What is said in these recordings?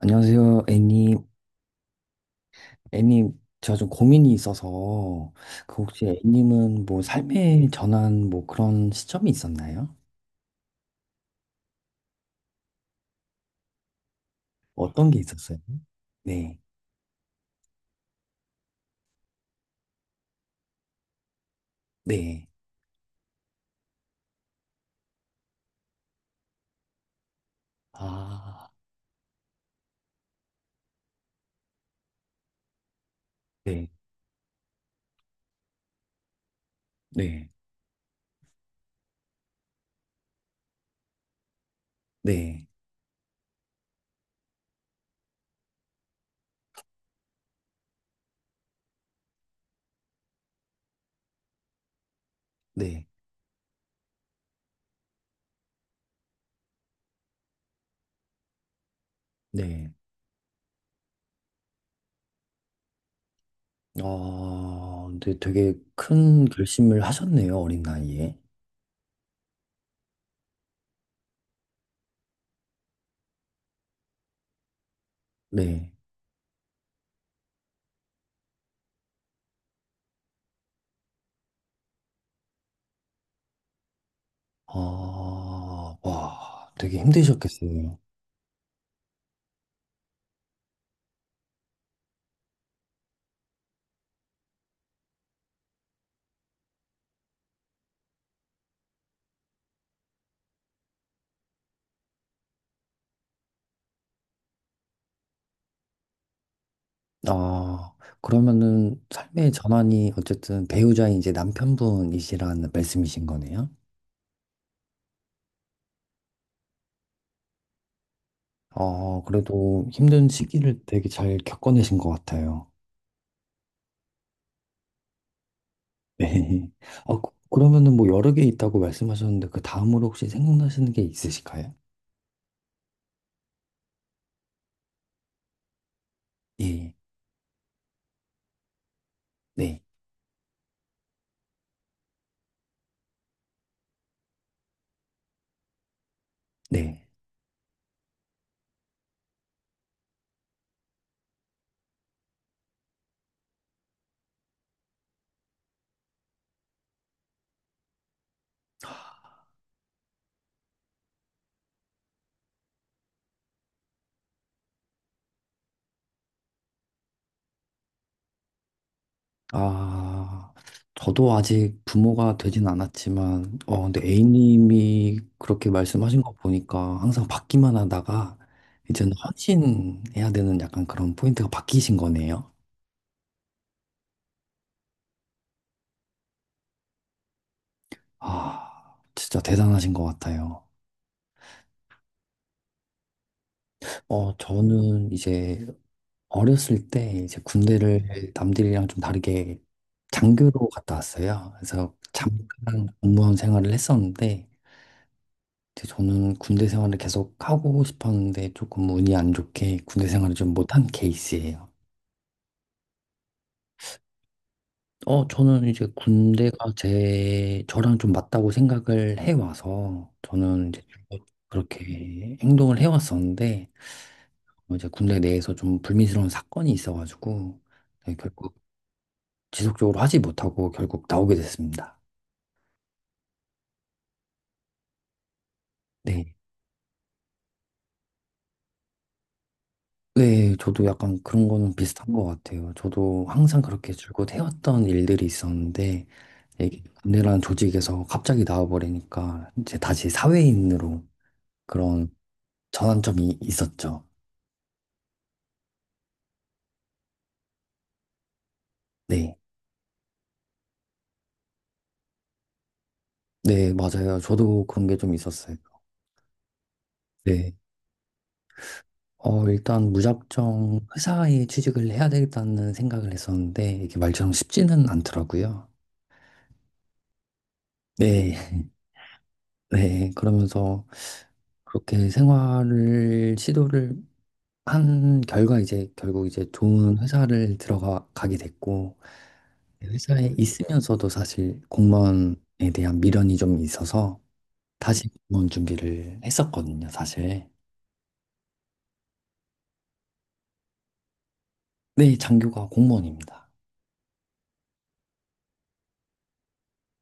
안녕하세요, 애님. 애님, 제가 좀 고민이 있어서, 그 혹시 애님은 뭐 삶의 전환 뭐 그런 시점이 있었나요? 어떤 게 있었어요? 네, 네, 아, 네, 네, 네, 네, 네. 어, 근데 되게 큰 결심을 하셨네요, 어린 나이에. 네, 아, 와, 되게 힘드셨겠어요. 아, 그러면은 삶의 전환이 어쨌든 배우자인 이제 남편분이시라는 말씀이신 거네요? 어, 그래도 힘든 시기를 되게 잘 겪어내신 것 같아요. 네. 아, 그러면은 뭐 여러 개 있다고 말씀하셨는데 그 다음으로 혹시 생각나시는 게 있으실까요? 예, 네, 네. 아, 저도 아직 부모가 되진 않았지만, 어, 근데 A님이 그렇게 말씀하신 거 보니까 항상 받기만 하다가 이제는 헌신해야 되는 약간 그런 포인트가 바뀌신 거네요. 아, 진짜 대단하신 것 같아요. 어, 저는 이제 어렸을 때 이제 군대를 남들이랑 좀 다르게 장교로 갔다 왔어요. 그래서 잠깐 공무원 생활을 했었는데, 근데 저는 군대 생활을 계속 하고 싶었는데 조금 운이 안 좋게 군대 생활을 좀 못한 케이스예요. 어, 저는 이제 군대가 저랑 좀 맞다고 생각을 해와서 저는 이제 그렇게 행동을 해왔었는데 어, 이제 군대 내에서 좀 불미스러운 사건이 있어가지고 네, 결국 지속적으로 하지 못하고 결국 나오게 됐습니다. 네. 네, 저도 약간 그런 거는 비슷한 것 같아요. 저도 항상 그렇게 줄곧 해왔던 일들이 있었는데, 이게 군대라는 조직에서 갑자기 나와버리니까, 이제 다시 사회인으로 그런 전환점이 있었죠. 네. 네, 맞아요. 저도 그런 게 좀 있었어요. 네. 어, 일단 무작정 회사에 취직을 해야 되겠다는 생각을 했었는데, 이게 말처럼 쉽지는 않더라고요. 네. 네. 그러면서 시도를 한 결과 이제 결국 이제 좋은 회사를 들어가게 됐고 회사에 있으면서도 사실 공무원에 대한 미련이 좀 있어서 다시 공무원 준비를 했었거든요, 사실. 네, 장교가 공무원입니다.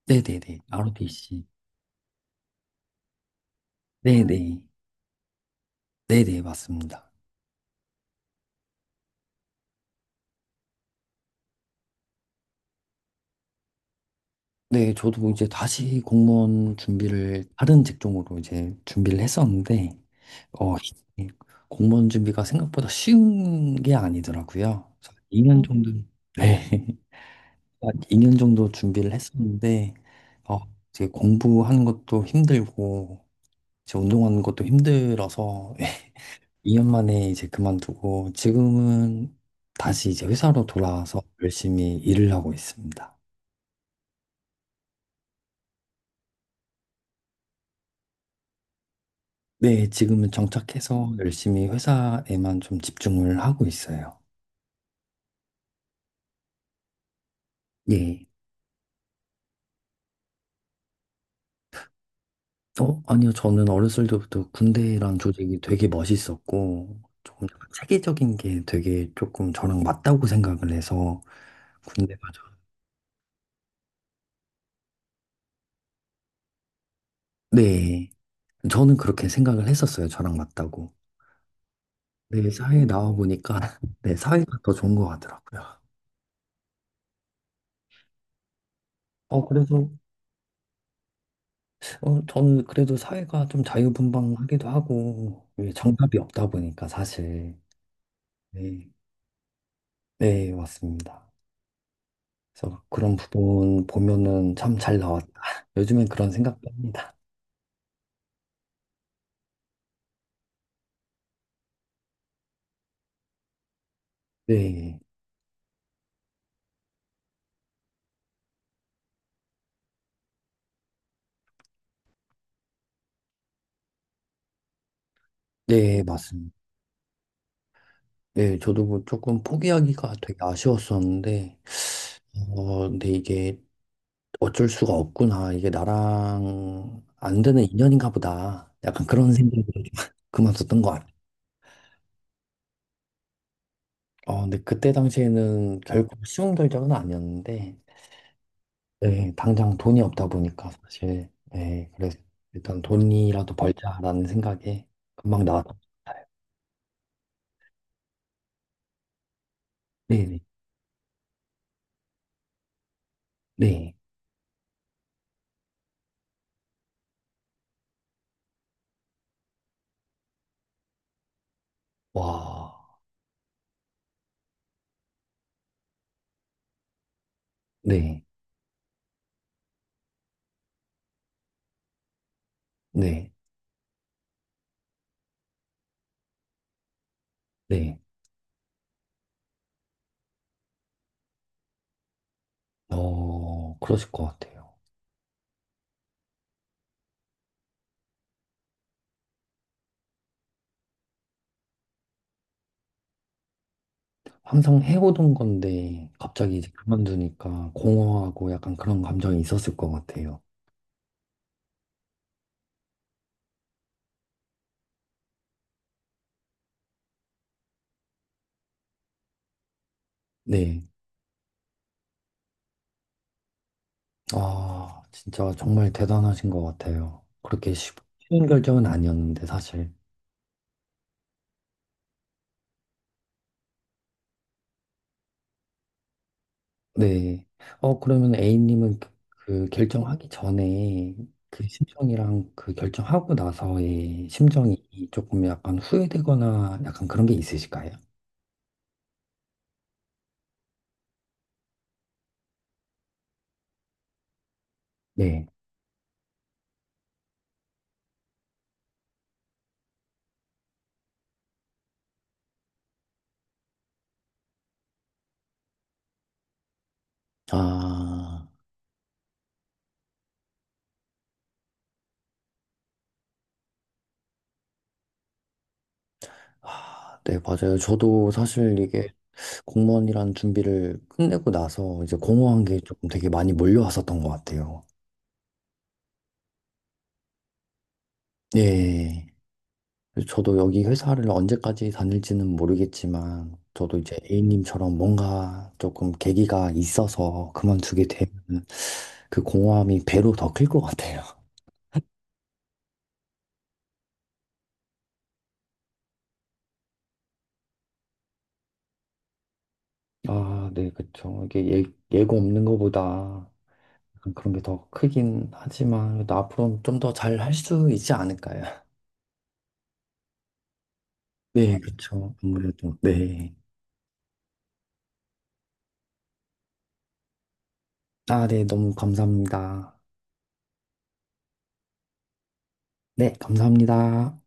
네네네. ROTC. 네네. 네네, 맞습니다. 네, 저도 이제 다시 공무원 준비를 다른 직종으로 이제 준비를 했었는데, 어, 이 공무원 준비가 생각보다 쉬운 게 아니더라고요. 그래서 2년 정도, 네, 2년 정도 준비를 했었는데, 어, 이제 공부하는 것도 힘들고, 이제 운동하는 것도 힘들어서, 2년 만에 이제 그만두고, 지금은 다시 이제 회사로 돌아와서 열심히 일을 하고 있습니다. 네, 지금은 정착해서 열심히 회사에만 좀 집중을 하고 있어요. 예. 어, 아니요. 저는 어렸을 때부터 군대란 조직이 되게 멋있었고, 조금 약간 체계적인 게 되게 조금 저랑 맞다고 생각을 해서, 군대가 저, 네. 저는 그렇게 생각을 했었어요. 저랑 맞다고. 네, 사회에 나와 보니까, 네, 사회가 더 좋은 것 같더라고요. 어, 그래서, 어, 저는 그래도 사회가 좀 자유분방하기도 하고, 이게 정답이 없다 보니까 사실. 네. 네, 맞습니다. 그래서 그런 부분 보면은 참 잘 나왔다. 요즘엔 그런 생각도 합니다. 네, 네, 맞습니다. 네, 저도 뭐 조금 포기하기가 되게 아쉬웠었는데, 어, 근데 이게 어쩔 수가 없구나. 이게 나랑 안 되는 인연인가 보다. 약간 그런 생각로 그만뒀던 것 같아요. 어, 근데 그때 당시에는 결국 쉬운 결정은 아니었는데, 네 당장 돈이 없다 보니까 사실, 네 그래서 일단 돈이라도 벌자라는 생각에 금방 나왔던 것 같아요. 네네, 네. 와, 네, 네, 네. 어, 그러실 것 같아요. 항상 해오던 건데, 갑자기 이제 그만두니까 공허하고 약간 그런 감정이 있었을 것 같아요. 네. 아, 진짜 정말 대단하신 것 같아요. 쉬운 결정은 아니었는데, 사실. 네. 어, 그러면 A님은 그, 그 결정하기 전에 그 심정이랑 그 결정하고 나서의 심정이 조금 약간 후회되거나 약간 그런 게 있으실까요? 네. 아, 아, 네, 맞아요. 저도 사실 이게 공무원이란 준비를 끝내고 나서 이제 공허한 게 조금 되게 많이 몰려왔었던 것 같아요. 네. 저도 여기 회사를 언제까지 다닐지는 모르겠지만, 저도 이제 A님처럼 뭔가 조금 계기가 있어서 그만두게 되면 그 공허함이 배로 더 클 것 같아요. 아, 네, 그쵸. 예고 없는 것보다 약간 그런 게 더 크긴 하지만, 그래도 앞으로 좀 더 잘 할 수 있지 않을까요? 네, 그쵸. 아무래도, 네. 아, 네, 너무 감사합니다. 네, 감사합니다.